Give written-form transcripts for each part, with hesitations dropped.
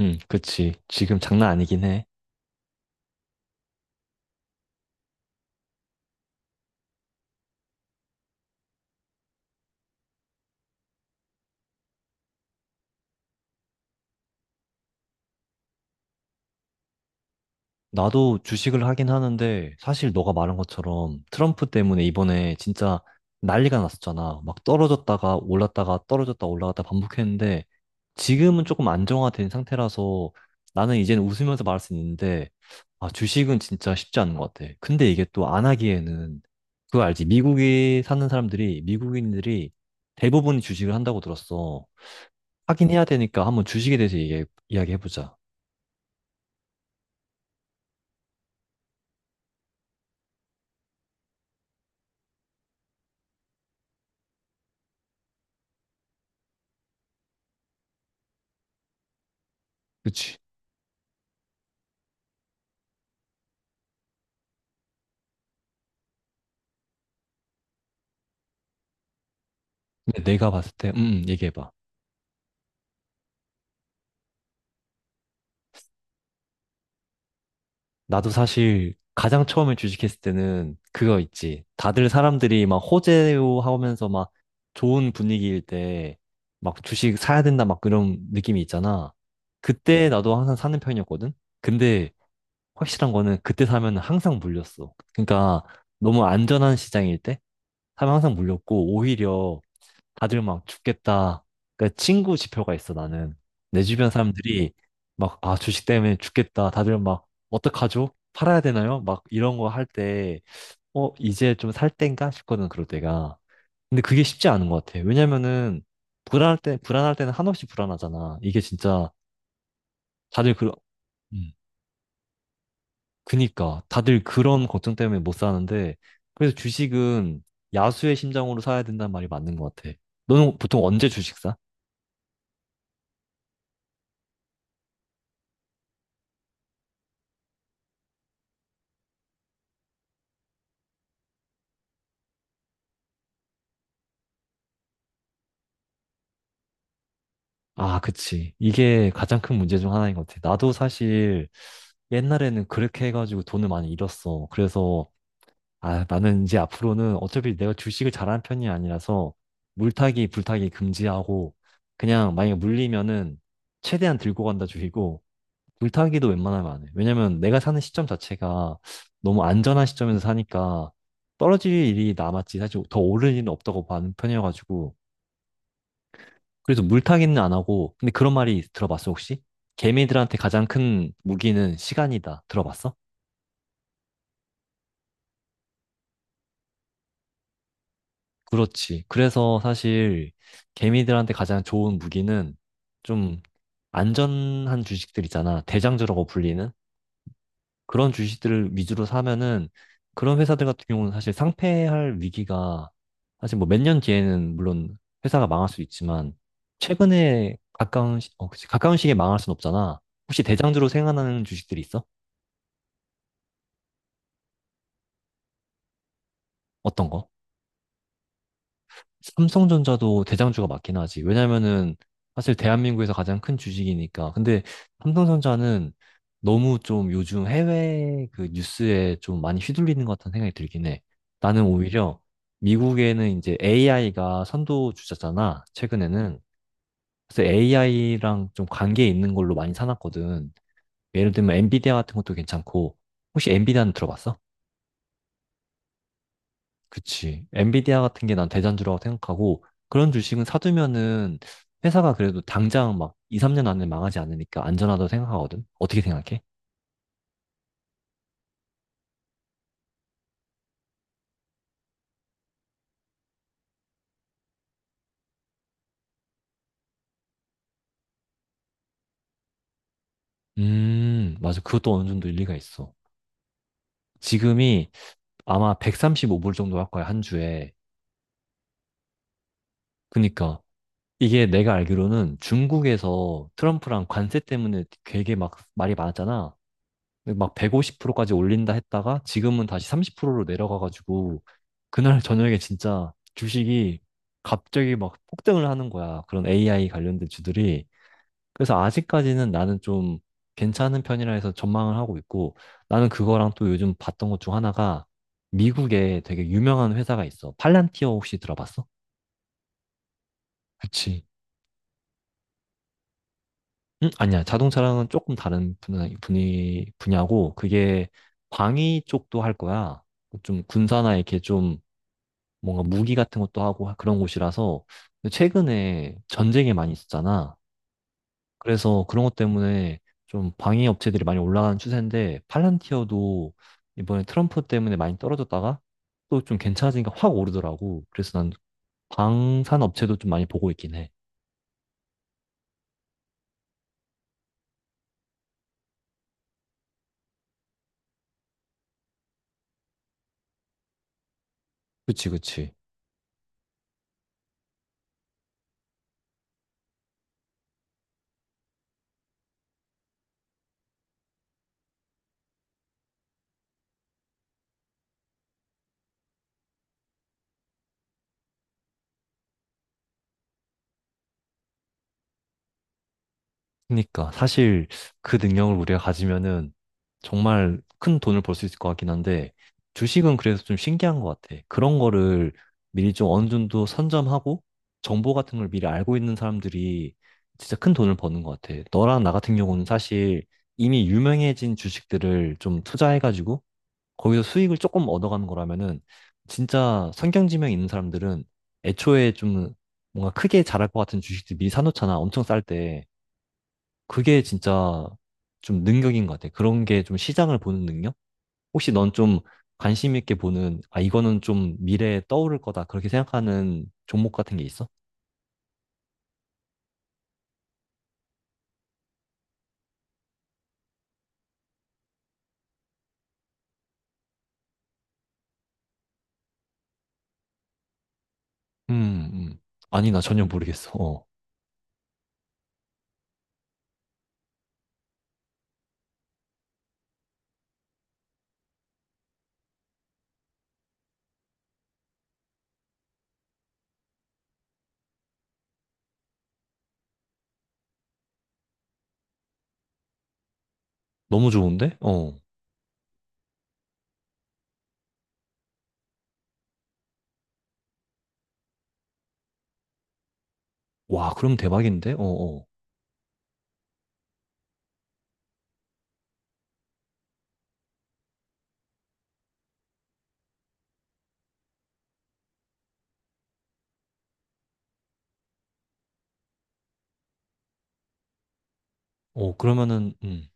그치. 지금 장난 아니긴 해. 나도 주식을 하긴 하는데, 사실 너가 말한 것처럼 트럼프 때문에 이번에 진짜 난리가 났었잖아. 막 떨어졌다가 올랐다가 떨어졌다 올라갔다 반복했는데, 지금은 조금 안정화된 상태라서 나는 이제는 웃으면서 말할 수 있는데, 아, 주식은 진짜 쉽지 않은 것 같아. 근데 이게 또 안 하기에는, 그거 알지? 미국에 사는 사람들이, 미국인들이 대부분이 주식을 한다고 들었어. 하긴 해야 되니까 한번 주식에 대해서 이야기해보자. 그치? 근데 내가 봤을 때, 얘기해봐. 나도 사실 가장 처음에 주식했을 때는 그거 있지. 다들 사람들이 막 호재요 하면서 막 좋은 분위기일 때 막 주식 사야 된다 막 그런 느낌이 있잖아. 그때 나도 항상 사는 편이었거든? 근데 확실한 거는 그때 사면 항상 물렸어. 그러니까 너무 안전한 시장일 때 사면 항상 물렸고 오히려 다들 막 죽겠다. 그러니까 친구 지표가 있어, 나는. 내 주변 사람들이 막, 아, 주식 때문에 죽겠다. 다들 막, 어떡하죠? 팔아야 되나요? 막 이런 거 할 때, 이제 좀 살 땐가 싶거든, 그럴 때가. 근데 그게 쉽지 않은 것 같아. 왜냐면은, 불안할 때, 불안할 때는 한없이 불안하잖아. 이게 진짜, 다들 음, 그니까. 다들 그런 걱정 때문에 못 사는데, 그래서 주식은 야수의 심정으로 사야 된다는 말이 맞는 것 같아. 너는 보통 언제 주식 사? 아, 그치. 이게 가장 큰 문제 중 하나인 것 같아. 나도 사실 옛날에는 그렇게 해가지고 돈을 많이 잃었어. 그래서, 아, 나는 이제 앞으로는 어차피 내가 주식을 잘하는 편이 아니라서 물타기, 불타기 금지하고 그냥 만약에 물리면은 최대한 들고 간다 주의고 물타기도 웬만하면 안 해. 왜냐면 내가 사는 시점 자체가 너무 안전한 시점에서 사니까 떨어질 일이 남았지. 사실 더 오를 일은 없다고 보는 편이어가지고 그래서 물타기는 안 하고, 근데 그런 말이 들어봤어, 혹시? 개미들한테 가장 큰 무기는 시간이다. 들어봤어? 그렇지. 그래서 사실 개미들한테 가장 좋은 무기는 좀 안전한 주식들 있잖아. 대장주라고 불리는 그런 주식들을 위주로 사면은 그런 회사들 같은 경우는 사실 상폐할 위기가 사실 뭐 몇 년 뒤에는 물론 회사가 망할 수 있지만 최근에 가까운 그치. 가까운 시기에 망할 순 없잖아. 혹시 대장주로 생각나는 주식들이 있어? 어떤 거? 삼성전자도 대장주가 맞긴 하지. 왜냐면은 사실 대한민국에서 가장 큰 주식이니까. 근데 삼성전자는 너무 좀 요즘 해외 그 뉴스에 좀 많이 휘둘리는 것 같다는 생각이 들긴 해. 나는 오히려 미국에는 이제 AI가 선도 주자잖아, 최근에는. 그래서 AI랑 좀 관계 있는 걸로 많이 사놨거든. 예를 들면 엔비디아 같은 것도 괜찮고. 혹시 엔비디아는 들어봤어? 그치. 엔비디아 같은 게 난 대장주라고 생각하고 그런 주식은 사두면은 회사가 그래도 당장 막 2, 3년 안에 망하지 않으니까 안전하다고 생각하거든. 어떻게 생각해? 맞아. 그것도 어느 정도 일리가 있어. 지금이 아마 135불 정도 할 거야, 한 주에. 그니까 이게 내가 알기로는 중국에서 트럼프랑 관세 때문에 되게 막 말이 많았잖아. 근데 막 150%까지 올린다 했다가 지금은 다시 30%로 내려가가지고 그날 저녁에 진짜 주식이 갑자기 막 폭등을 하는 거야. 그런 AI 관련된 주들이. 그래서 아직까지는 나는 좀 괜찮은 편이라 해서 전망을 하고 있고, 나는 그거랑 또 요즘 봤던 것 중 하나가 미국에 되게 유명한 회사가 있어. 팔란티어 혹시 들어봤어? 그치. 아니야. 자동차랑은 조금 다른 분야고, 그게 방위 쪽도 할 거야. 좀 군사나 이렇게 좀 뭔가 무기 같은 것도 하고 그런 곳이라서 근데 최근에 전쟁이 많이 있었잖아. 그래서 그런 것 때문에 좀 방해 업체들이 많이 올라가는 추세인데 팔란티어도 이번에 트럼프 때문에 많이 떨어졌다가 또 좀 괜찮아지니까 확 오르더라고. 그래서 난 방산 업체도 좀 많이 보고 있긴 해. 그치, 그치. 그러니까 사실 그 능력을 우리가 가지면은 정말 큰 돈을 벌 수 있을 것 같긴 한데 주식은 그래서 좀 신기한 것 같아. 그런 거를 미리 좀 어느 정도 선점하고 정보 같은 걸 미리 알고 있는 사람들이 진짜 큰 돈을 버는 것 같아. 너랑 나 같은 경우는 사실 이미 유명해진 주식들을 좀 투자해가지고 거기서 수익을 조금 얻어가는 거라면은 진짜 선경지명 있는 사람들은 애초에 좀 뭔가 크게 자랄 것 같은 주식들 미리 사놓잖아. 엄청 쌀 때. 그게 진짜 좀 능력인 것 같아. 그런 게 좀 시장을 보는 능력? 혹시 넌 좀 관심 있게 보는, 아, 이거는 좀 미래에 떠오를 거다. 그렇게 생각하는 종목 같은 게 있어? 음, 음. 아니, 나 전혀 모르겠어. 어. 너무 좋은데? 어. 와, 그럼 대박인데? 어, 어. 어, 그러면은,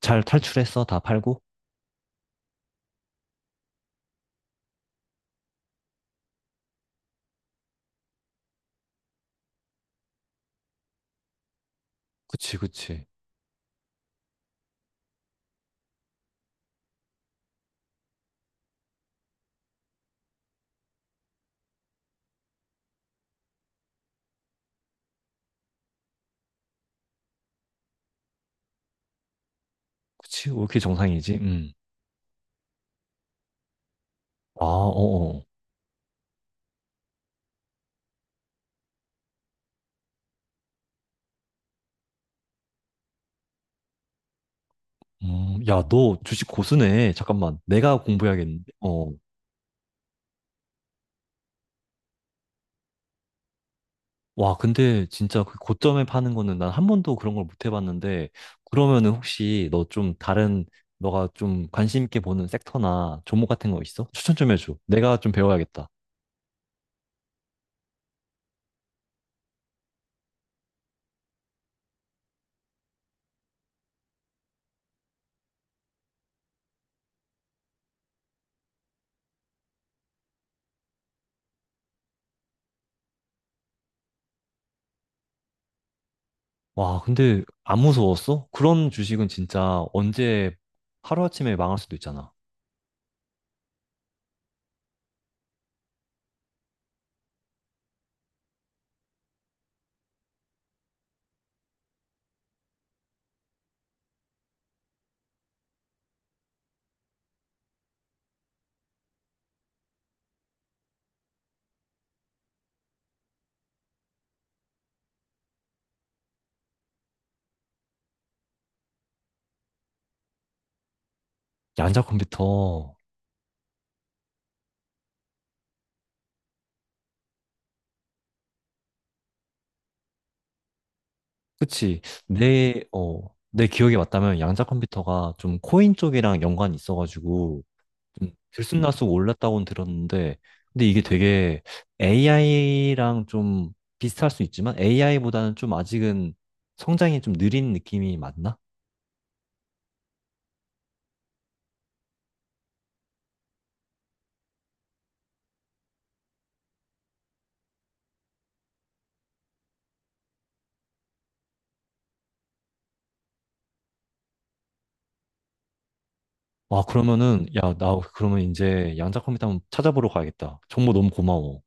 잘 탈출했어? 다 팔고? 그치, 그치. 그치? 왜 이렇게 정상이지? 음. 아, 어, 어. 야, 너 주식 고수네. 잠깐만. 내가 공부해야겠는데. 어. 와, 근데 진짜 그 고점에 파는 거는 난 한 번도 그런 걸 못 해봤는데, 그러면은 혹시 너가 좀 관심 있게 보는 섹터나 종목 같은 거 있어? 추천 좀 해줘. 내가 좀 배워야겠다. 와, 근데 안 무서웠어? 그런 주식은 진짜 언제 하루아침에 망할 수도 있잖아. 양자 컴퓨터. 그치. 내, 어, 내 기억에 맞다면 양자 컴퓨터가 좀 코인 쪽이랑 연관이 있어가지고, 들쑥날쑥 올랐다고는 들었는데, 근데 이게 되게 AI랑 좀 비슷할 수 있지만 AI보다는 좀 아직은 성장이 좀 느린 느낌이 맞나? 와, 그러면은, 야, 나 그러면 이제 양자 컴퓨터 한번 찾아보러 가야겠다. 정보 너무 고마워.